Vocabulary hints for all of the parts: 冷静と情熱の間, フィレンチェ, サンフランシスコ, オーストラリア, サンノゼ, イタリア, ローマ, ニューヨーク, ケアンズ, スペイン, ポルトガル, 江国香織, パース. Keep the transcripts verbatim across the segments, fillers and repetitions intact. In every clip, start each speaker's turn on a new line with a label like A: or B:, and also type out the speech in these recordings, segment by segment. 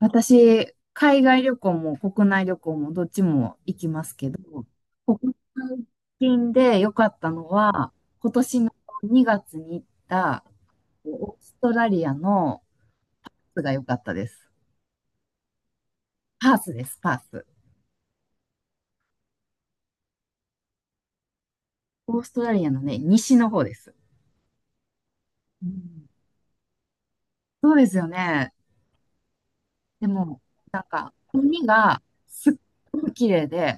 A: 私、海外旅行も国内旅行もどっちも行きますけど、国内近で良かったのは、今年のにがつに行ったオーストラリアのが良かったです。パースです、パース。オーストラリアのね、西の方です。うん、そうですよね。でも、海がすっごく綺麗で、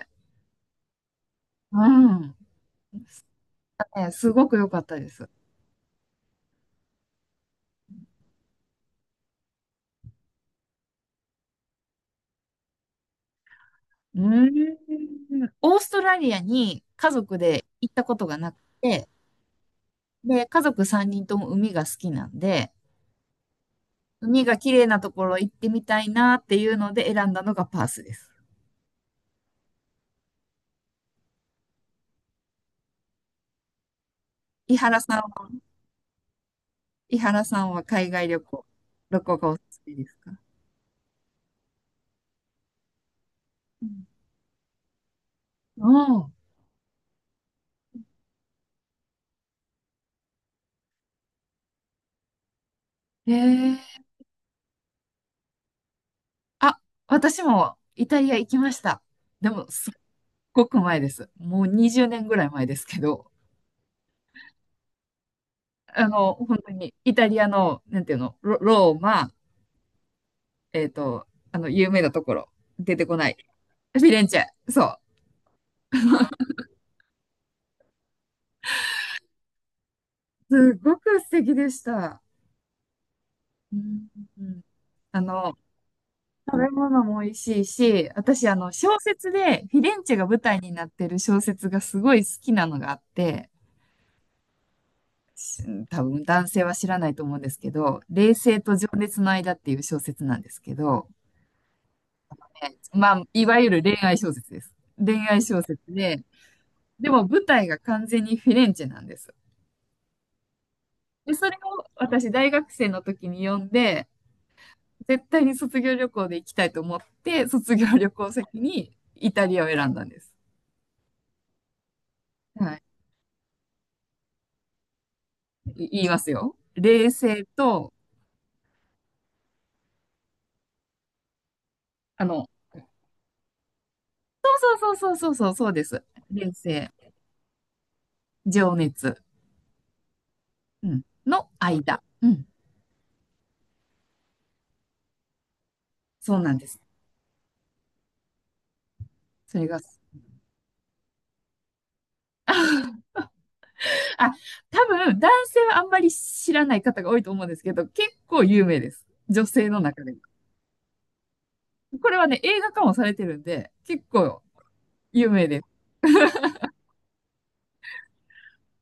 A: うん、ねすごく良かったです。うーん。オーストラリアに家族で行ったことがなくて、で、家族さんにんとも海が好きなんで、海が綺麗なところ行ってみたいなっていうので選んだのがパースです。伊原さんは、伊原さんは海外旅行、どこがおすすめですか？うん。おー、へえ、あ、私もイタリア行きました。でも、すっごく前です。もうにじゅうねんぐらい前ですけど、あの、本当にイタリアの、なんていうの、ロ、ローマ、えっ、と、あの、有名なところ、出てこない。フィレンチェ。そう。すごく素敵でした。うん、うん、あの、食べ物も美味しいし、私、あの、小説で、フィレンチェが舞台になってる小説がすごい好きなのがあって、し多分男性は知らないと思うんですけど、冷静と情熱の間っていう小説なんですけど、まあ、いわゆる恋愛小説です。恋愛小説で、でも舞台が完全にフィレンチェなんです。で、それを私、大学生の時に読んで、絶対に卒業旅行で行きたいと思って、卒業旅行先にイタリアを選んだんです。はい。い言いますよ。冷静と、あの、そうそうそうそうそう、そうです。冷静、情熱、うん、の間。うん。そうなんです。それが、あ、多分、男性はあんまり知らない方が多いと思うんですけど、結構有名です。女性の中でも。これはね、映画化もされてるんで、結構有名です。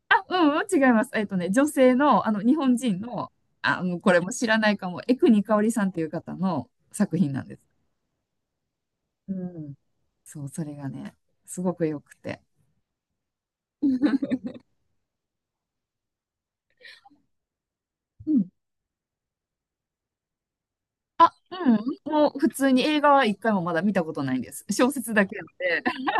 A: あ、うん、違います。えっとね、女性の、あの、日本人の、あ、もうこれも知らないかも、江国香織さんという方の作品なんです。うん。そう、それがね、すごく良くて。うん。あ、うん。もう普通に映画は一回もまだ見たことないんです。小説だけなので。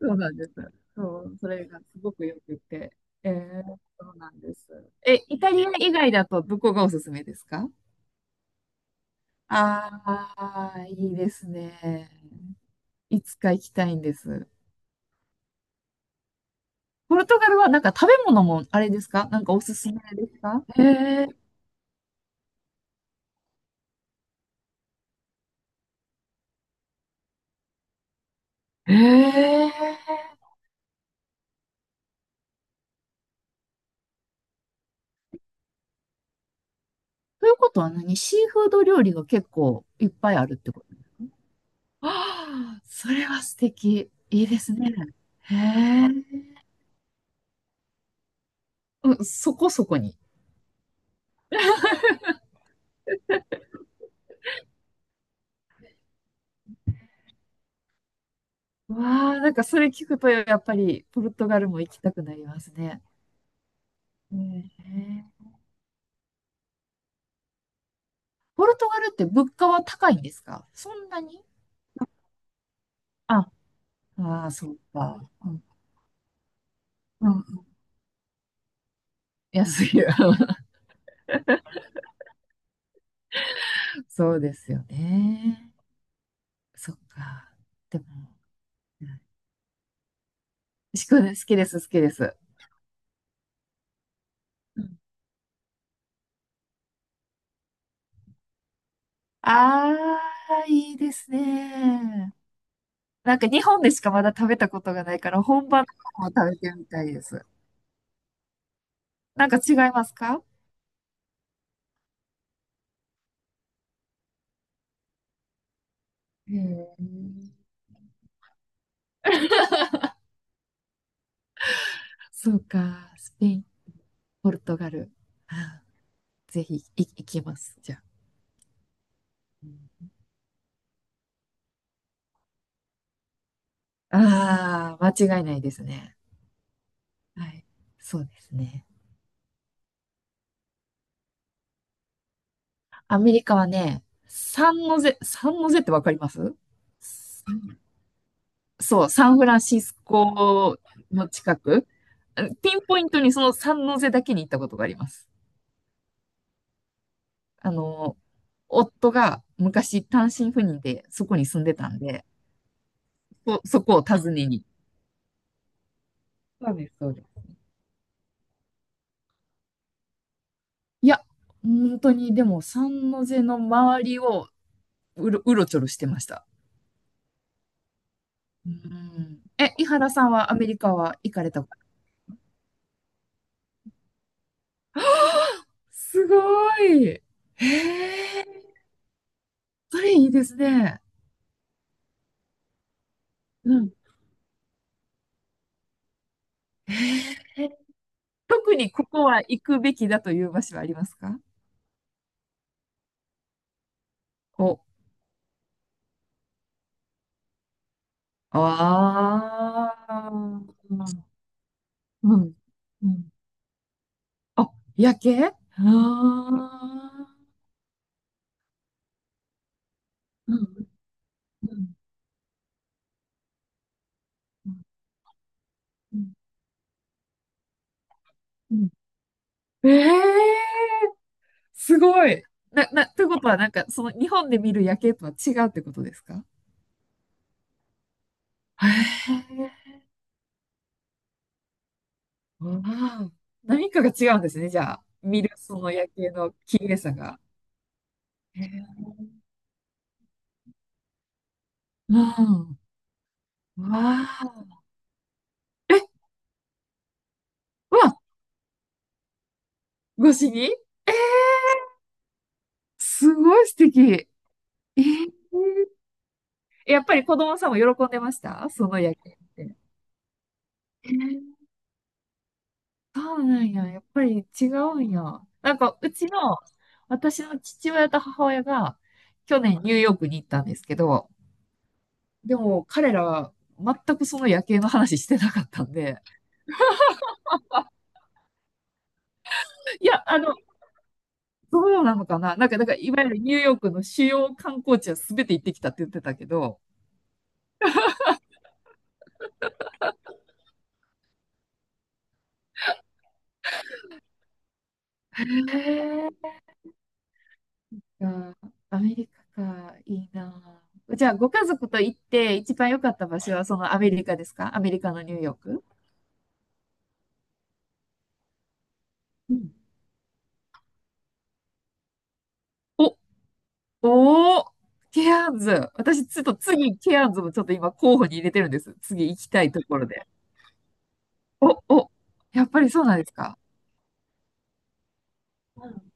A: そうなんです。そう、それがすごく良くて。えー、そうなんです。え、イタリア以外だとどこがおすすめですか？ああー、いいですね。いつか行きたいんです。ポルトガルはなんか食べ物もあれですか？なんかおすすめですか？へえ、へえ。ということは何シーフード料理が結構いっぱいあるってこと？ああ、それは素敵。いいですね。へえ。うん、そこそこに。わあ、なんかそれ聞くとやっぱりポルトガルも行きたくなりますね。へえ。ポルトガルって物価は高いんですか？そんなに？あ、ああ、そうか。うん、うん、安いよ。そうですよね。そっか。でも、うん、牛久好きです、好きです。うん、あー、いいですね。なんか日本でしかまだ食べたことがないから、本場のも食べてみたいです。なんか違いますか？へえ、そうか。スペイン、ポルトガル。あー、ぜひい行きます。じゃあ。うあ、あー、間違いないですね。はい。そうですね。アメリカはね、サンノゼ、サンノゼってわかります？そう、サンフランシスコの近く、あピンポイントにその三ノ瀬だけに行ったことがあります。あの、夫が昔単身赴任でそこに住んでたんで、そ、そこを訪ねに。そうです、そうです。いや、本当にでも三ノ瀬の周りをうろ、うろちょろしてました。うん。え、伊原さんはアメリカは行かれたこと？すごい。へえ、それいいですね。うん。え、特にここは行くべきだという場所はありますか？お、ああ、うん、うん。あ、夜景、あ、あー、うん、うん、うん。うん、ええー、すごい。な、な、ということは、なんか、その日本で見る夜景とは違うってことですか？へえ、わあ、何かが違うんですね、じゃあ。見るその夜景の綺麗さが。へえ、うん。わあ。え、うわ、越しに、すごい素敵。えー、やっぱり子供さんも喜んでましたその夜景って。えー、そうなんや。やっぱり違うんや。なんか、うちの、私の父親と母親が、去年ニューヨークに行ったんですけど、でも彼らは全くその夜景の話してなかったんで、いや、あの、どうなのかな？なんか、だから、いわゆるニューヨークの主要観光地は全て行ってきたって言ってたけど、へえ、あー、アメリカか、いいなあ。じゃあ、ご家族と行って一番良かった場所はそのアメリカですか？アメリカのニューヨーク？うん、お、おー、ケアンズ。私、ちょっと次、ケアンズもちょっと今候補に入れてるんです。次行きたいところで。お、お、やっぱりそうなんですか？うん、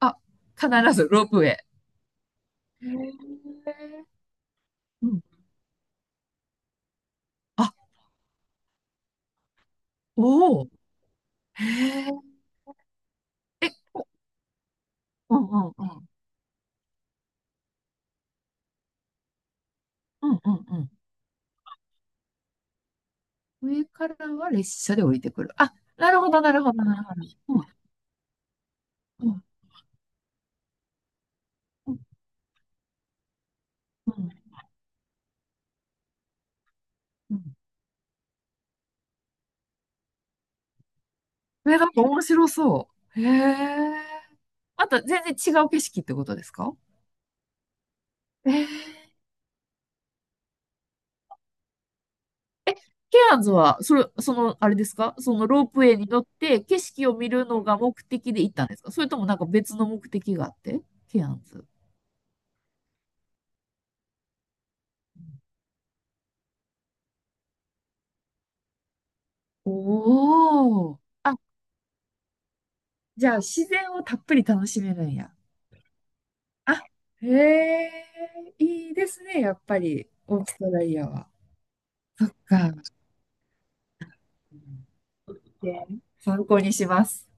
A: あ、必ずロープウェイ。へえ、うん。あ、おお。へえ。え、うんうんうん。うんうんうん。上からは列車で降りてくる。あ、なるほど、なるほど、なるほど。うんうんうん、うん、え、なんか面白そう。へえ。また全然違う景色ってことですか？えー、ケアンズは、それ、その、あれですか？そのロープウェイに乗って景色を見るのが目的で行ったんですか？それともなんか別の目的があって？ケアンズ。おー。あ、じゃあ自然をたっぷり楽しめるんや。あ、へえ、いいですね、やっぱり、オーストラリアは。そっか。で参考にします。